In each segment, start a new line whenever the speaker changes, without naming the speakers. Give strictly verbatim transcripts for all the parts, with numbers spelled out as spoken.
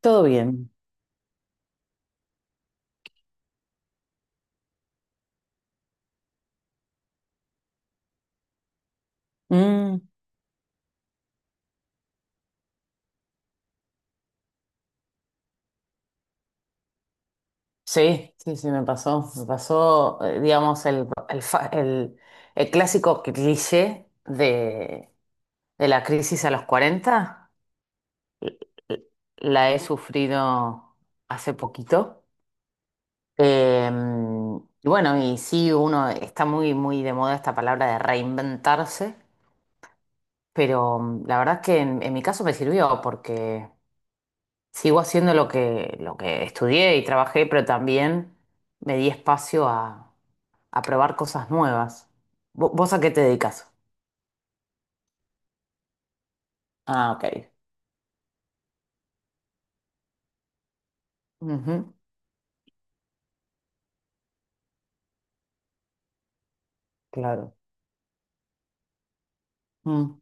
Todo bien. Mm. Sí, sí, sí, me pasó. Me pasó, eh, digamos, el, el, fa- el- el clásico cliché de, de la crisis a los cuarenta. La he sufrido hace poquito. Eh, y bueno, y sí, uno está muy, muy de moda esta palabra de reinventarse, pero mm, la verdad es que en, en mi caso me sirvió porque sigo haciendo lo que, lo que estudié y trabajé, pero también me di espacio a a probar cosas nuevas. Vo- ¿Vos, a qué te dedicas? Ah, ok. Ujú. Claro. Mm.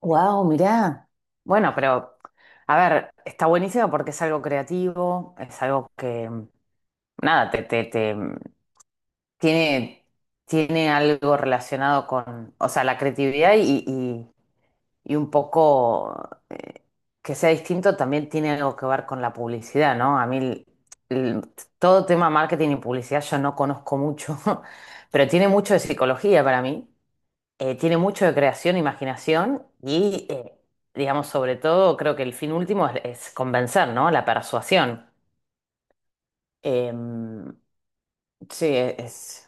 Wow, mirá. Bueno, pero a ver, está buenísimo porque es algo creativo, es algo que, nada, te, te, te- tiene, tiene algo relacionado con, o sea, la creatividad y, y un poco eh, que sea distinto también tiene algo que ver con la publicidad, ¿no? A mí el- el- todo tema marketing y publicidad yo no conozco mucho. Pero tiene mucho de psicología para mí, eh, tiene mucho de creación, imaginación y, eh, digamos, sobre todo creo que el fin último es, es convencer, ¿no? La persuasión. Em, sí, e, es...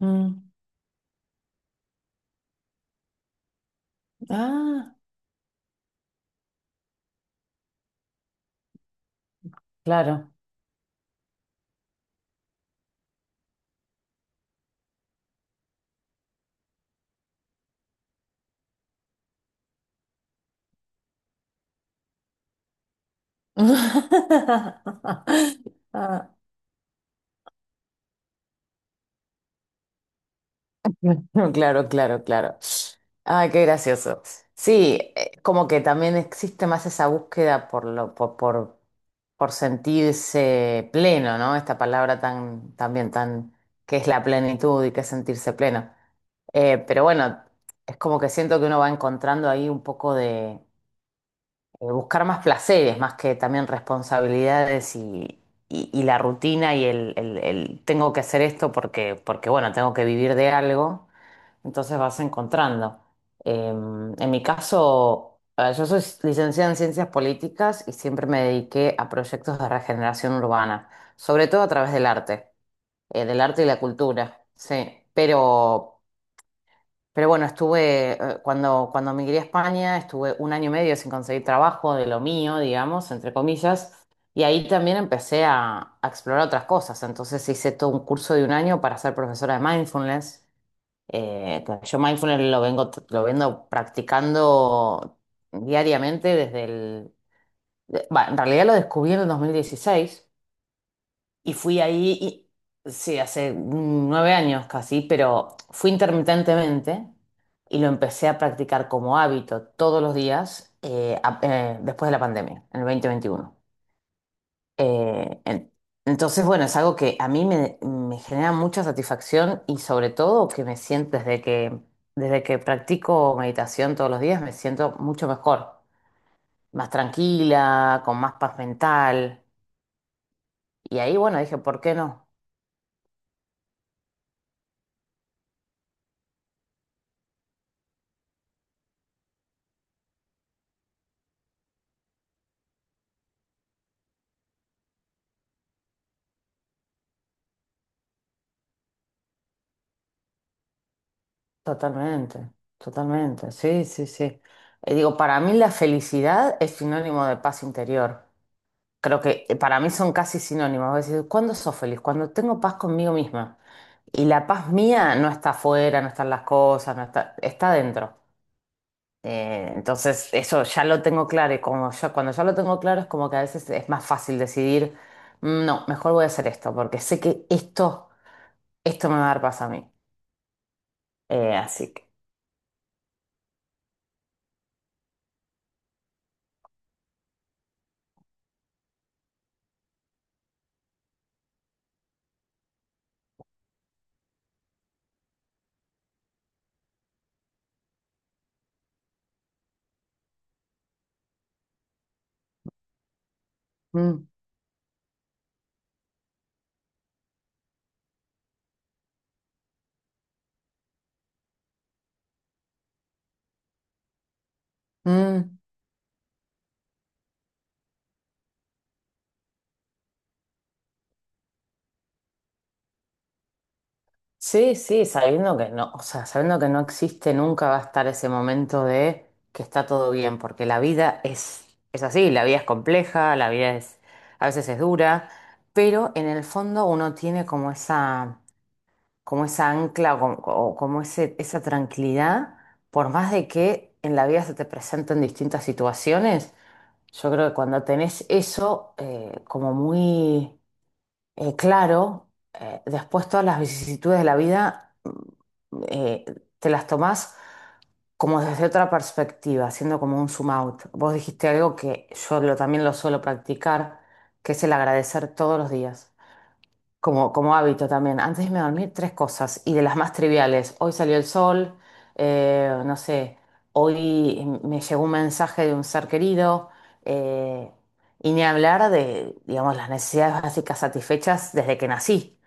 Mm. Ah, claro. Ah, claro, claro, claro. Ay, qué gracioso. Sí, eh, como que también existe más esa búsqueda por lo, por, por, por sentirse pleno, ¿no? Esta palabra tan, también tan, que es la plenitud y que es sentirse pleno. Eh, pero bueno, es como que siento que uno va encontrando ahí un poco de eh, buscar más placeres, más que también responsabilidades y, y- y la rutina y el, el- el tengo que hacer esto porque, porque bueno, tengo que vivir de algo. Entonces vas encontrando. Em, en mi caso, eh, yo soy licenciada en ciencias políticas y siempre me dediqué a proyectos de regeneración urbana, sobre todo a través del arte, eh, del arte y la cultura, sí. Pero, pero bueno, estuve, eh, cuando, cuando migré a España, estuve un año y medio sin conseguir trabajo de lo mío, digamos, entre comillas, y ahí también empecé a, a explorar otras cosas. Entonces hice todo un curso de un año para ser profesora de mindfulness. Eh, yo mindfulness lo vengo, lo vengo practicando diariamente desde el... de- va, en realidad lo descubrí en el dos mil dieciséis y fui ahí, y- sí, hace mm, nueve años casi, pero fui intermitentemente y lo empecé a practicar como hábito todos los días eh, a- eh, después de la pandemia, en el dos mil veintiuno eh, en- entonces, bueno, es algo que a mí me, me genera mucha satisfacción y sobre todo que me siento desde que, desde que practico meditación todos los días, me siento mucho mejor, más tranquila, con más paz mental. Y ahí, bueno, dije, ¿por qué no? Totalmente, totalmente, sí, sí, sí. Eh, digo, para mí la felicidad es sinónimo de paz interior. Creo que eh, para mí son casi sinónimos. Vos decís, ¿cuándo sos feliz? Cuando tengo paz conmigo misma. Y la paz mía no está afuera, no están las cosas, no está, está dentro. Eh, entonces, eso ya lo tengo claro. Y como ya, cuando ya lo tengo claro, es como que a veces es más fácil decidir: "Mm, No, mejor voy a hacer esto, porque sé que esto, esto me va a dar paz a mí". Eh, así que. Mm, mm. Sí, sí, sabiendo que no, o sea, sabiendo que no existe, nunca va a estar ese momento de que está todo bien, porque la vida es, es así, la vida es compleja, la vida es, a veces es dura, pero en el fondo uno tiene como esa, como esa ancla o como, o como ese, esa tranquilidad, por más de que en la vida se te presenten distintas situaciones, yo creo que cuando tenés eso eh, como muy eh, claro, eh, después todas las vicisitudes de la vida eh, te las tomás como desde otra perspectiva, haciendo como un zoom out. Vos dijiste algo que yo lo- también lo suelo practicar, que es el agradecer todos los días, como, como hábito también. Antes de irme a dormir, tres cosas, y de las más triviales. Hoy salió el sol, eh, no sé, hoy me llegó un mensaje de un ser querido, eh, y ni hablar de, digamos, las necesidades básicas satisfechas desde que nací.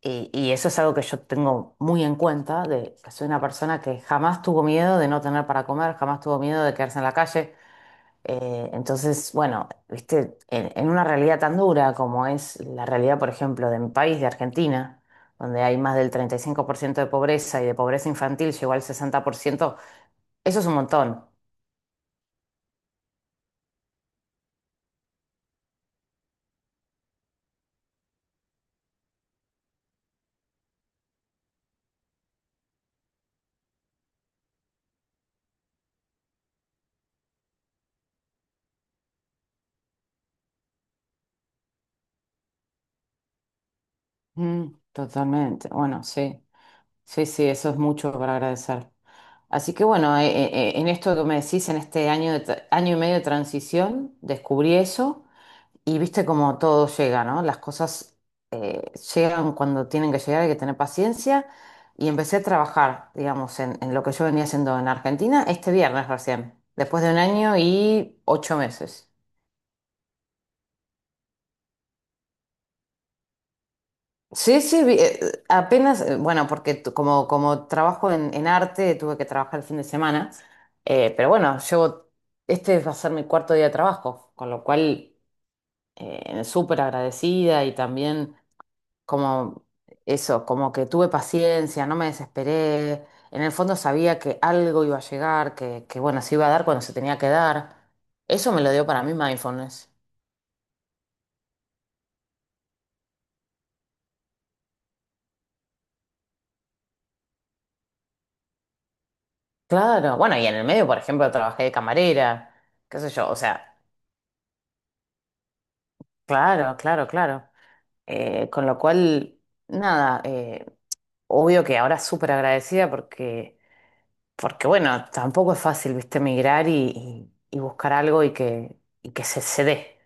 Y, y eso es algo que yo tengo muy en cuenta, de que soy una persona que jamás tuvo miedo de no tener para comer, jamás tuvo miedo de quedarse en la calle. Eh, entonces, bueno, viste, en, en una realidad tan dura como es la realidad, por ejemplo, de mi país, de Argentina, donde hay más del treinta y cinco por ciento de pobreza y de pobreza infantil llegó al sesenta por ciento. Eso es un montón. Mm, Totalmente, bueno, sí. Sí, sí, eso es mucho para agradecer. Así que bueno, eh, eh, eh, en esto que me decís, en este año, de tra- año y medio de transición, descubrí eso y viste cómo todo llega, ¿no? Las cosas eh, llegan cuando tienen que llegar, hay que tener paciencia y empecé a trabajar, digamos, en, en lo que yo venía haciendo en Argentina este viernes recién, después de un año y ocho meses. Sí, sí, vi- eh, apenas, eh, bueno, porque tu- como, como trabajo en, en arte, tuve que trabajar el fin de semana, eh, pero bueno, llevo, este va a ser mi cuarto día de trabajo, con lo cual eh, súper agradecida y también como eso, como que tuve paciencia, no me desesperé, en el fondo sabía que algo iba a llegar, que, que bueno, se iba a dar cuando se tenía que dar. Eso me lo dio para mí mindfulness. Claro, bueno, y en el medio, por ejemplo, trabajé de camarera, qué sé yo, o sea... Claro, claro, claro. Eh, con lo cual, nada, eh, obvio que ahora súper agradecida porque, porque, bueno, tampoco es fácil, viste, migrar y, y- y buscar algo y que, y que se, se dé.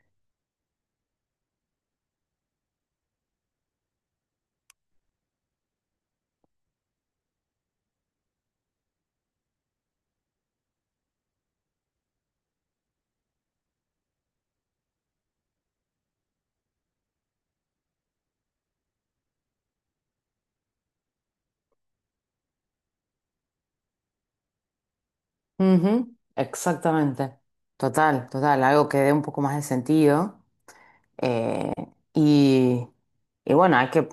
Ujú. Exactamente. Total, total, algo que dé un poco más de sentido. Eh, y, y bueno, hay que,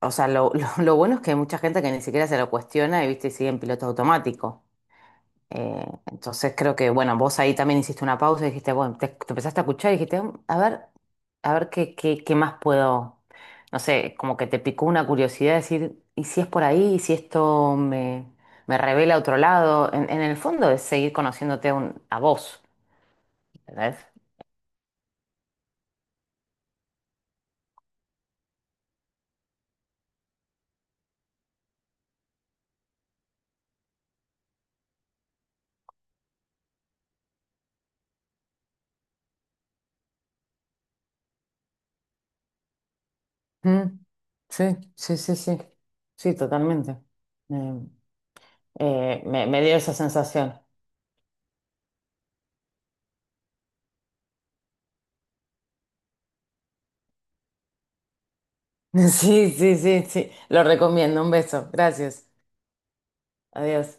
o sea, lo, lo, lo bueno es que hay mucha gente que ni siquiera se lo cuestiona y, viste, sigue en piloto automático. Eh, entonces creo que, bueno, vos ahí también hiciste una pausa y dijiste, bueno, te, te empezaste a escuchar y dijiste: "Mm, A ver, a ver qué, qué, qué más puedo, no sé, como que te picó una curiosidad de decir, ¿y si es por ahí? ¿Y si esto me, me revela a otro lado?" En, en el fondo es seguir conociéndote a, un- a vos, ¿entendés? Mm, sí, sí, sí, sí, sí, totalmente. Eh, eh, me, me dio esa sensación. Sí, sí, sí, sí, lo recomiendo, un beso, gracias, adiós.